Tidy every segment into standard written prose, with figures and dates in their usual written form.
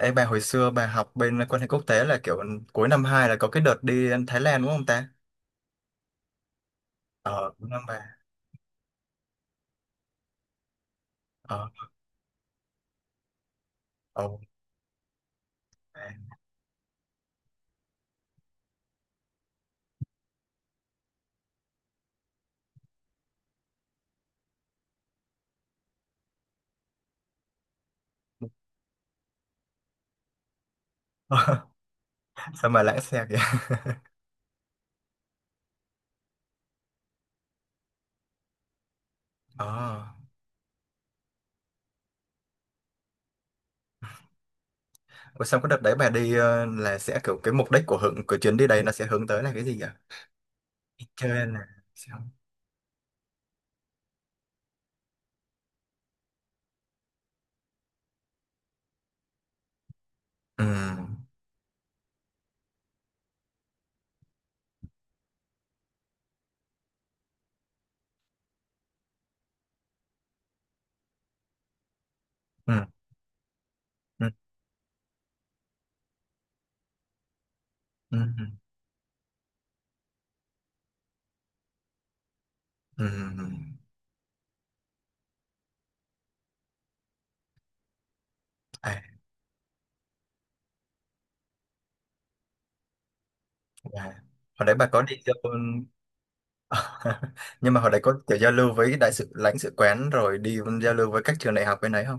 Ê, bà hồi xưa bà học bên quan hệ quốc tế là kiểu cuối năm 2 là có cái đợt đi Thái Lan đúng không ta? Ờ, cuối năm ba. Ờ, ồ. Sao mà lãng xe kìa? Ờ. Ủa, xong cái đợt đấy bà đi là sẽ kiểu cái mục đích của hưởng của chuyến đi đấy nó sẽ hướng tới là cái gì vậy? Đi chơi là sao? Ừ. Ừ. Ừ. Ừ. Ừ. Ừ. À, bà. Hồi đấy bà có đi giao. Nhưng mà hồi đấy có kiểu giao lưu với đại sứ lãnh sự quán rồi đi giao lưu với các trường đại học bên đấy không?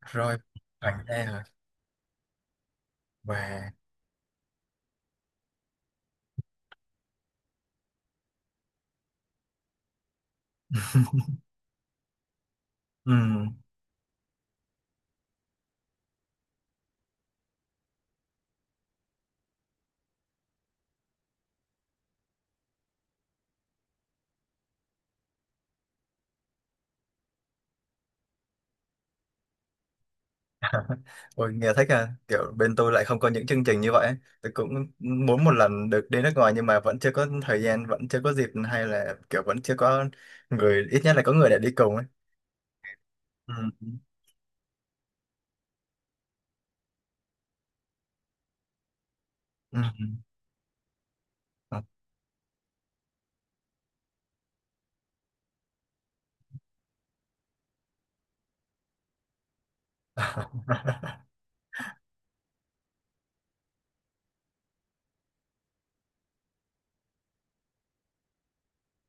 Rồi, vàng e hả và ừ. Ôi, nghe thích à, kiểu bên tôi lại không có những chương trình như vậy ấy. Tôi cũng muốn một lần được đi nước ngoài nhưng mà vẫn chưa có thời gian, vẫn chưa có dịp, hay là kiểu vẫn chưa có người, ít nhất là có người để đi cùng ấy. Ừ. Ừ. Ừ.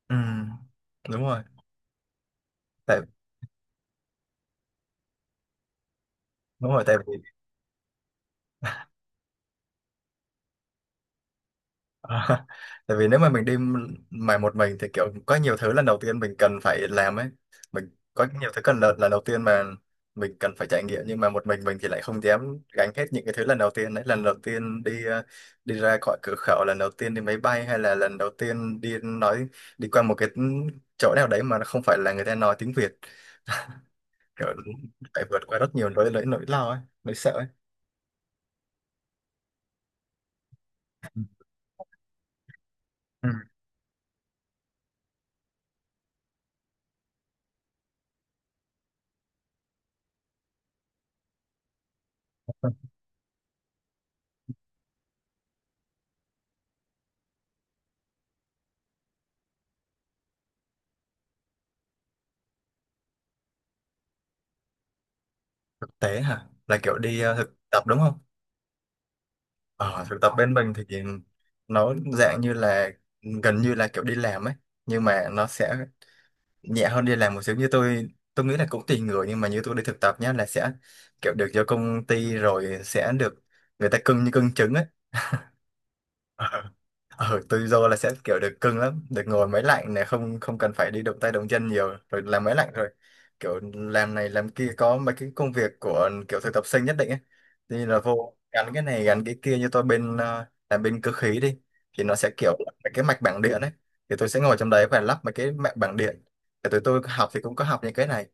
Ừ. Đúng rồi tại đúng rồi tại vì À, tại vì nếu mà mình đi mà một mình thì kiểu có nhiều thứ lần đầu tiên mình cần phải làm ấy, mình có nhiều thứ cần lần lần đầu tiên mà mình cần phải trải nghiệm, nhưng mà một mình thì lại không dám gánh hết những cái thứ lần đầu tiên đấy, lần đầu tiên đi đi ra khỏi cửa khẩu, lần đầu tiên đi máy bay, hay là lần đầu tiên đi nói đi qua một cái chỗ nào đấy mà nó không phải là người ta nói tiếng Việt, kiểu phải vượt qua rất nhiều nỗi nỗi nỗi lo ấy, nỗi sợ ấy. Ừ. Thực tế hả, là kiểu đi thực tập đúng không? Ờ, thực tập bên mình thì nó dạng như là gần như là kiểu đi làm ấy, nhưng mà nó sẽ nhẹ hơn đi làm một xíu. Như tôi nghĩ là cũng tùy người, nhưng mà như tôi đi thực tập nhá, là sẽ kiểu được cho công ty rồi sẽ được người ta cưng như cưng trứng ấy. Ờ. Ờ, tự do là sẽ kiểu được cưng lắm, được ngồi máy lạnh này, không không cần phải đi động tay động chân nhiều, rồi làm máy lạnh, rồi kiểu làm này làm kia, có mấy cái công việc của kiểu thực tập sinh nhất định ấy, thì là vô gắn cái này gắn cái kia. Như tôi bên làm bên cơ khí đi, thì nó sẽ kiểu mấy cái mạch bảng điện ấy, thì tôi sẽ ngồi trong đấy và lắp mấy cái mạch bảng điện. Thì tụi tôi học thì cũng có học những cái này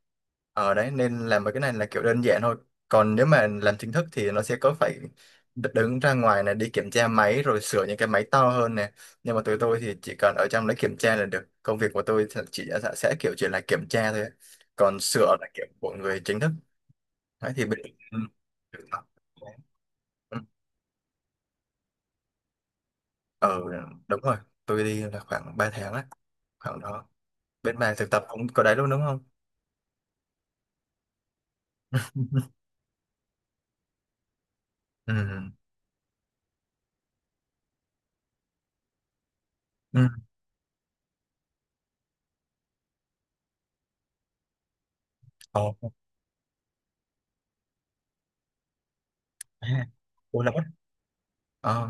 ở đấy, nên làm mấy cái này là kiểu đơn giản thôi. Còn nếu mà làm chính thức thì nó sẽ có phải đứng ra ngoài này đi kiểm tra máy, rồi sửa những cái máy to hơn nè, nhưng mà tụi tôi thì chỉ cần ở trong lấy kiểm tra là được. Công việc của tôi thì chỉ sẽ kiểu chỉ là kiểm tra thôi, còn sửa là kiểu của người chính thức. Đấy thì bên ừ. Ừ. Ờ, đúng rồi, tôi đi là khoảng 3 tháng á, khoảng đó. Bên bà thực tập cũng có đấy luôn đúng không? Ừ. Ừ. Ồ. À, ủa là bắt. Ờ.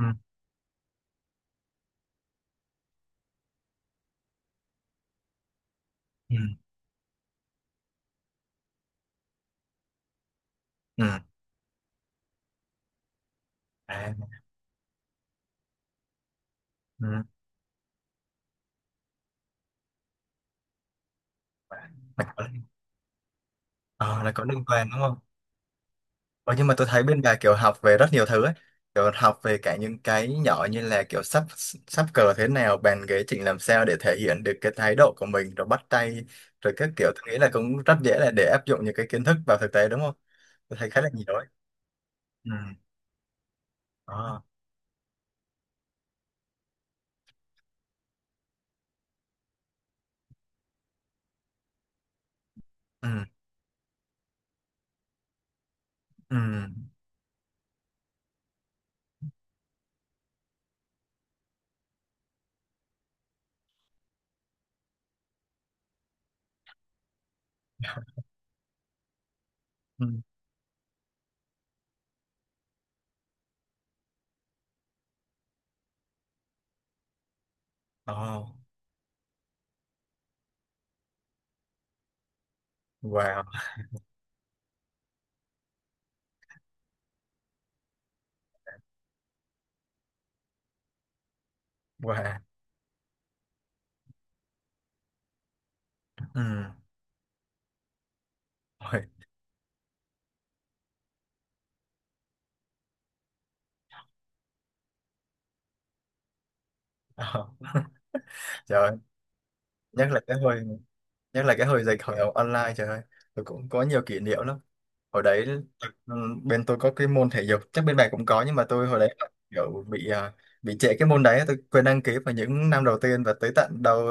Ừ. Ừ. Ừ. À. Ừ. Là có, ờ, là có liên quan đúng không? Ờ, nhưng mà tôi thấy bên bà kiểu học về rất nhiều thứ ấy. Kiểu học về cả những cái nhỏ như là kiểu sắp sắp cờ thế nào, bàn ghế chỉnh làm sao để thể hiện được cái thái độ của mình, rồi bắt tay, rồi các kiểu. Tôi nghĩ là cũng rất dễ là để áp dụng những cái kiến thức vào thực tế đúng không? Tôi thấy khá là nhiều đấy. Ừ. Ờ. Ừ. Ừ. Ừ. Ờ. Wow. Wow. Ừ. Ôi. Ờ. Trời ơi. Nhất là cái hồi, nhất là cái hồi dịch hồi học online, trời ơi. Tôi cũng có nhiều kỷ niệm lắm. Hồi đấy ừ, bên tôi có cái môn thể dục chắc bên bạn cũng có, nhưng mà tôi hồi đấy là kiểu bị bị trễ cái môn đấy. Tôi quên đăng ký vào những năm đầu tiên và tới tận đầu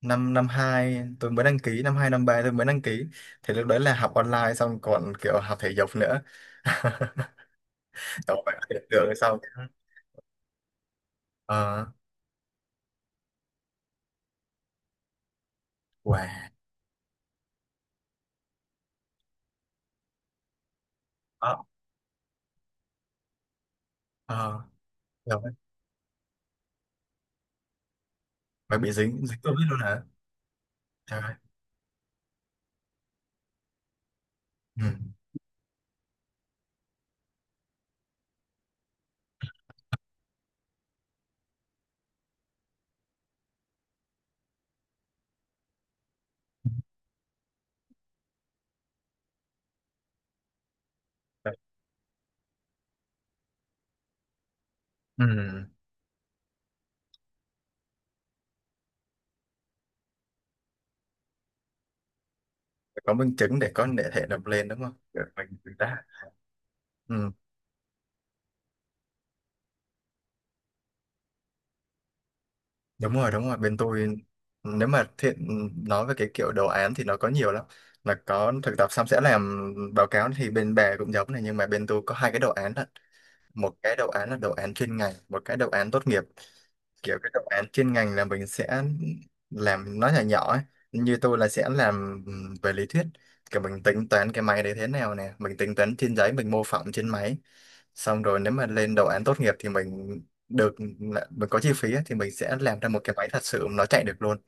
năm năm hai tôi mới đăng ký, năm hai năm ba tôi mới đăng ký, thì lúc đấy là học online xong còn kiểu học thể dục nữa. Đó, phải học thể sau được xong. Ờ. Wow. Ờ. Ờ rồi. Phải bị dính dính covid luôn hả? Trời ơi. Ừ. Ừ. Phải có minh chứng để có thể nộp lên đúng không? Được, mình đã. Ừ. Đúng rồi, đúng rồi. Bên tôi nếu mà thiện nói về cái kiểu đồ án thì nó có nhiều lắm. Là có thực tập xong sẽ làm báo cáo thì bên bà cũng giống này, nhưng mà bên tôi có hai cái đồ án đó. Một cái đồ án là đồ án chuyên ngành, một cái đồ án tốt nghiệp. Kiểu cái đáp án chuyên ngành là mình sẽ làm nó nhỏ nhỏ ấy. Như tôi là sẽ làm về lý thuyết, kiểu mình tính toán cái máy đấy thế nào nè, mình tính toán trên giấy, mình mô phỏng trên máy. Xong rồi nếu mà lên đồ án tốt nghiệp thì mình được, mình có chi phí ấy, thì mình sẽ làm ra một cái máy thật sự nó chạy được luôn,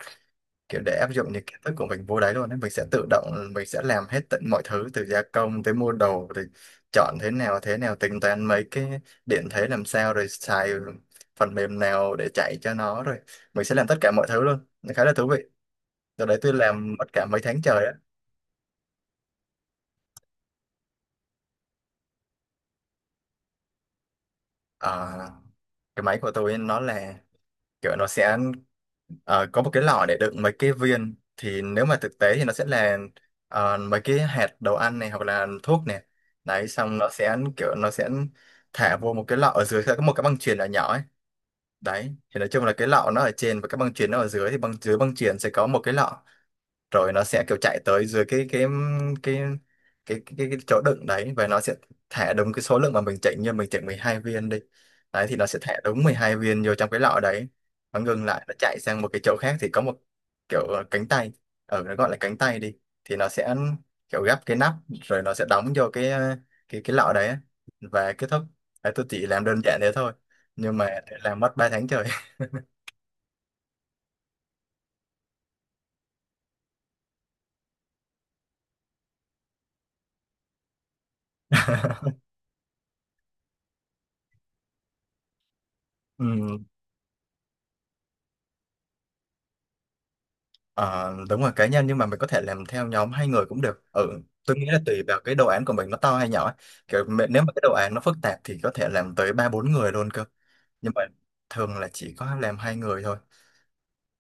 kiểu để áp dụng những kiến thức của mình vô đấy luôn ấy. Mình sẽ tự động mình sẽ làm hết tận mọi thứ, từ gia công tới mua đồ, rồi chọn thế nào thế nào, tính toán mấy cái điện thế làm sao, rồi xài phần mềm nào để chạy cho nó, rồi mình sẽ làm tất cả mọi thứ luôn. Nó khá là thú vị. Rồi đấy, tôi làm mất cả mấy tháng trời á. Ờ, cái máy của tôi nó là kiểu nó sẽ có một cái lọ để đựng mấy cái viên, thì nếu mà thực tế thì nó sẽ là mấy cái hạt đồ ăn này hoặc là thuốc này. Đấy, xong nó sẽ kiểu nó sẽ thả vô một cái lọ, ở dưới sẽ có một cái băng chuyền nhỏ nhỏ ấy. Đấy thì nói chung là cái lọ nó ở trên và cái băng chuyền nó ở dưới, thì băng chuyền sẽ có một cái lọ, rồi nó sẽ kiểu chạy tới dưới cái cái chỗ đựng đấy, và nó sẽ thả đúng cái số lượng mà mình chỉnh, như mình chỉnh 12 viên đi, đấy thì nó sẽ thả đúng 12 viên vô trong cái lọ đấy. Nó ngừng lại, nó chạy sang một cái chỗ khác, thì có một kiểu cánh tay, ở nó gọi là cánh tay đi, thì nó sẽ kiểu gấp cái nắp, rồi nó sẽ đóng vô cái cái lọ đấy á. Và kết thúc. Đấy, tôi chỉ làm đơn giản thế thôi nhưng mà làm mất ba tháng trời. Ừ. Ờ, đúng rồi, cá nhân, nhưng mà mình có thể làm theo nhóm hai người cũng được. Ừ, tôi nghĩ là tùy vào cái đồ án của mình nó to hay nhỏ ấy. Nếu mà cái đồ án nó phức tạp thì có thể làm tới ba bốn người luôn cơ, nhưng mà thường là chỉ có làm hai người thôi.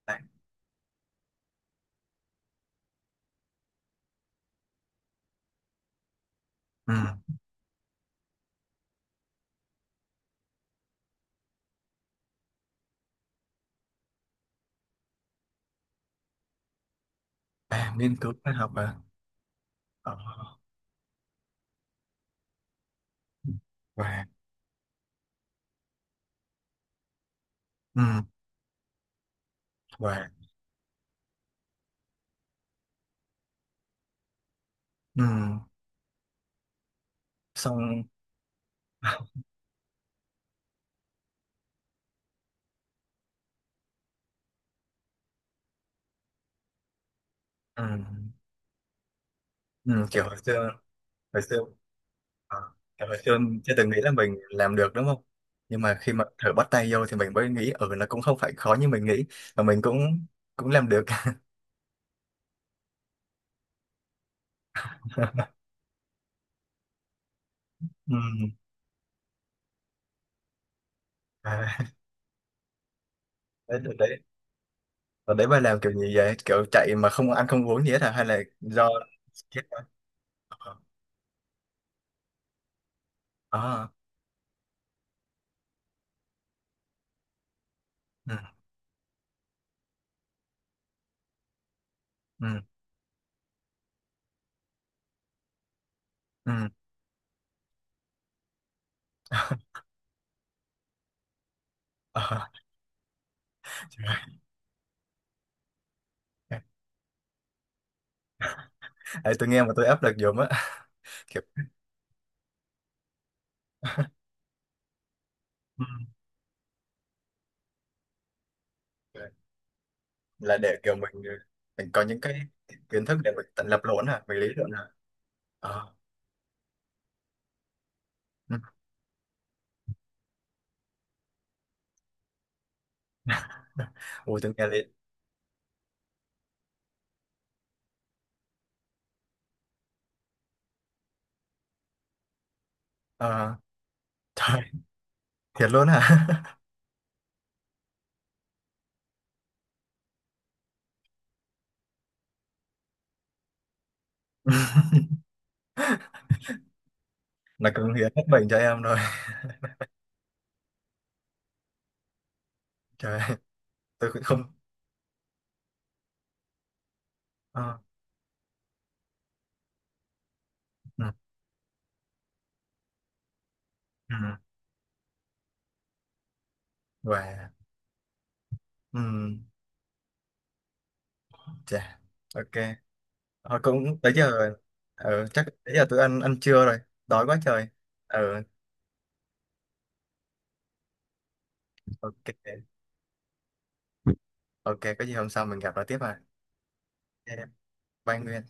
Đấy. Ừ. À, nghiên cứu khoa học à. Ờ, và ừ. Và ừ. Xong. Ừ. Ừ. Kiểu hồi xưa, hồi xưa, ờ, tại hồi xưa chưa từng nghĩ là mình làm được đúng không? Nhưng mà khi mà thử bắt tay vô thì mình mới nghĩ ừ, nó cũng không phải khó như mình nghĩ, và mình cũng cũng làm được. Ừ. À, đấy, đợt đấy, và đấy bà làm kiểu gì vậy? Kiểu chạy mà không ăn không uống gì hết hả? Hay là do chết quá? À, ừ, ừ, ừ. Ờ, trời, tôi nghe mà tôi áp lực dùm á. Kiểu ừ, là để kiểu mình có những cái kiến thức để mình tự lập luận hả? Mình lý luận hả? Ờ. Ủa tưởng nghe lị. Ờ, trời, thiệt luôn hả? Là cưng hiến hết bệnh cho em rồi. Trời, tôi cũng không. Ờ, ừ, ừ, và ừ, chà, ok. Ờ, cũng tới giờ rồi. Ừ, chắc tới giờ tôi ăn ăn trưa rồi, đói quá trời. Ừ, ok. Ok, có gì hôm sau mình gặp lại tiếp à. Ok, bye Nguyên.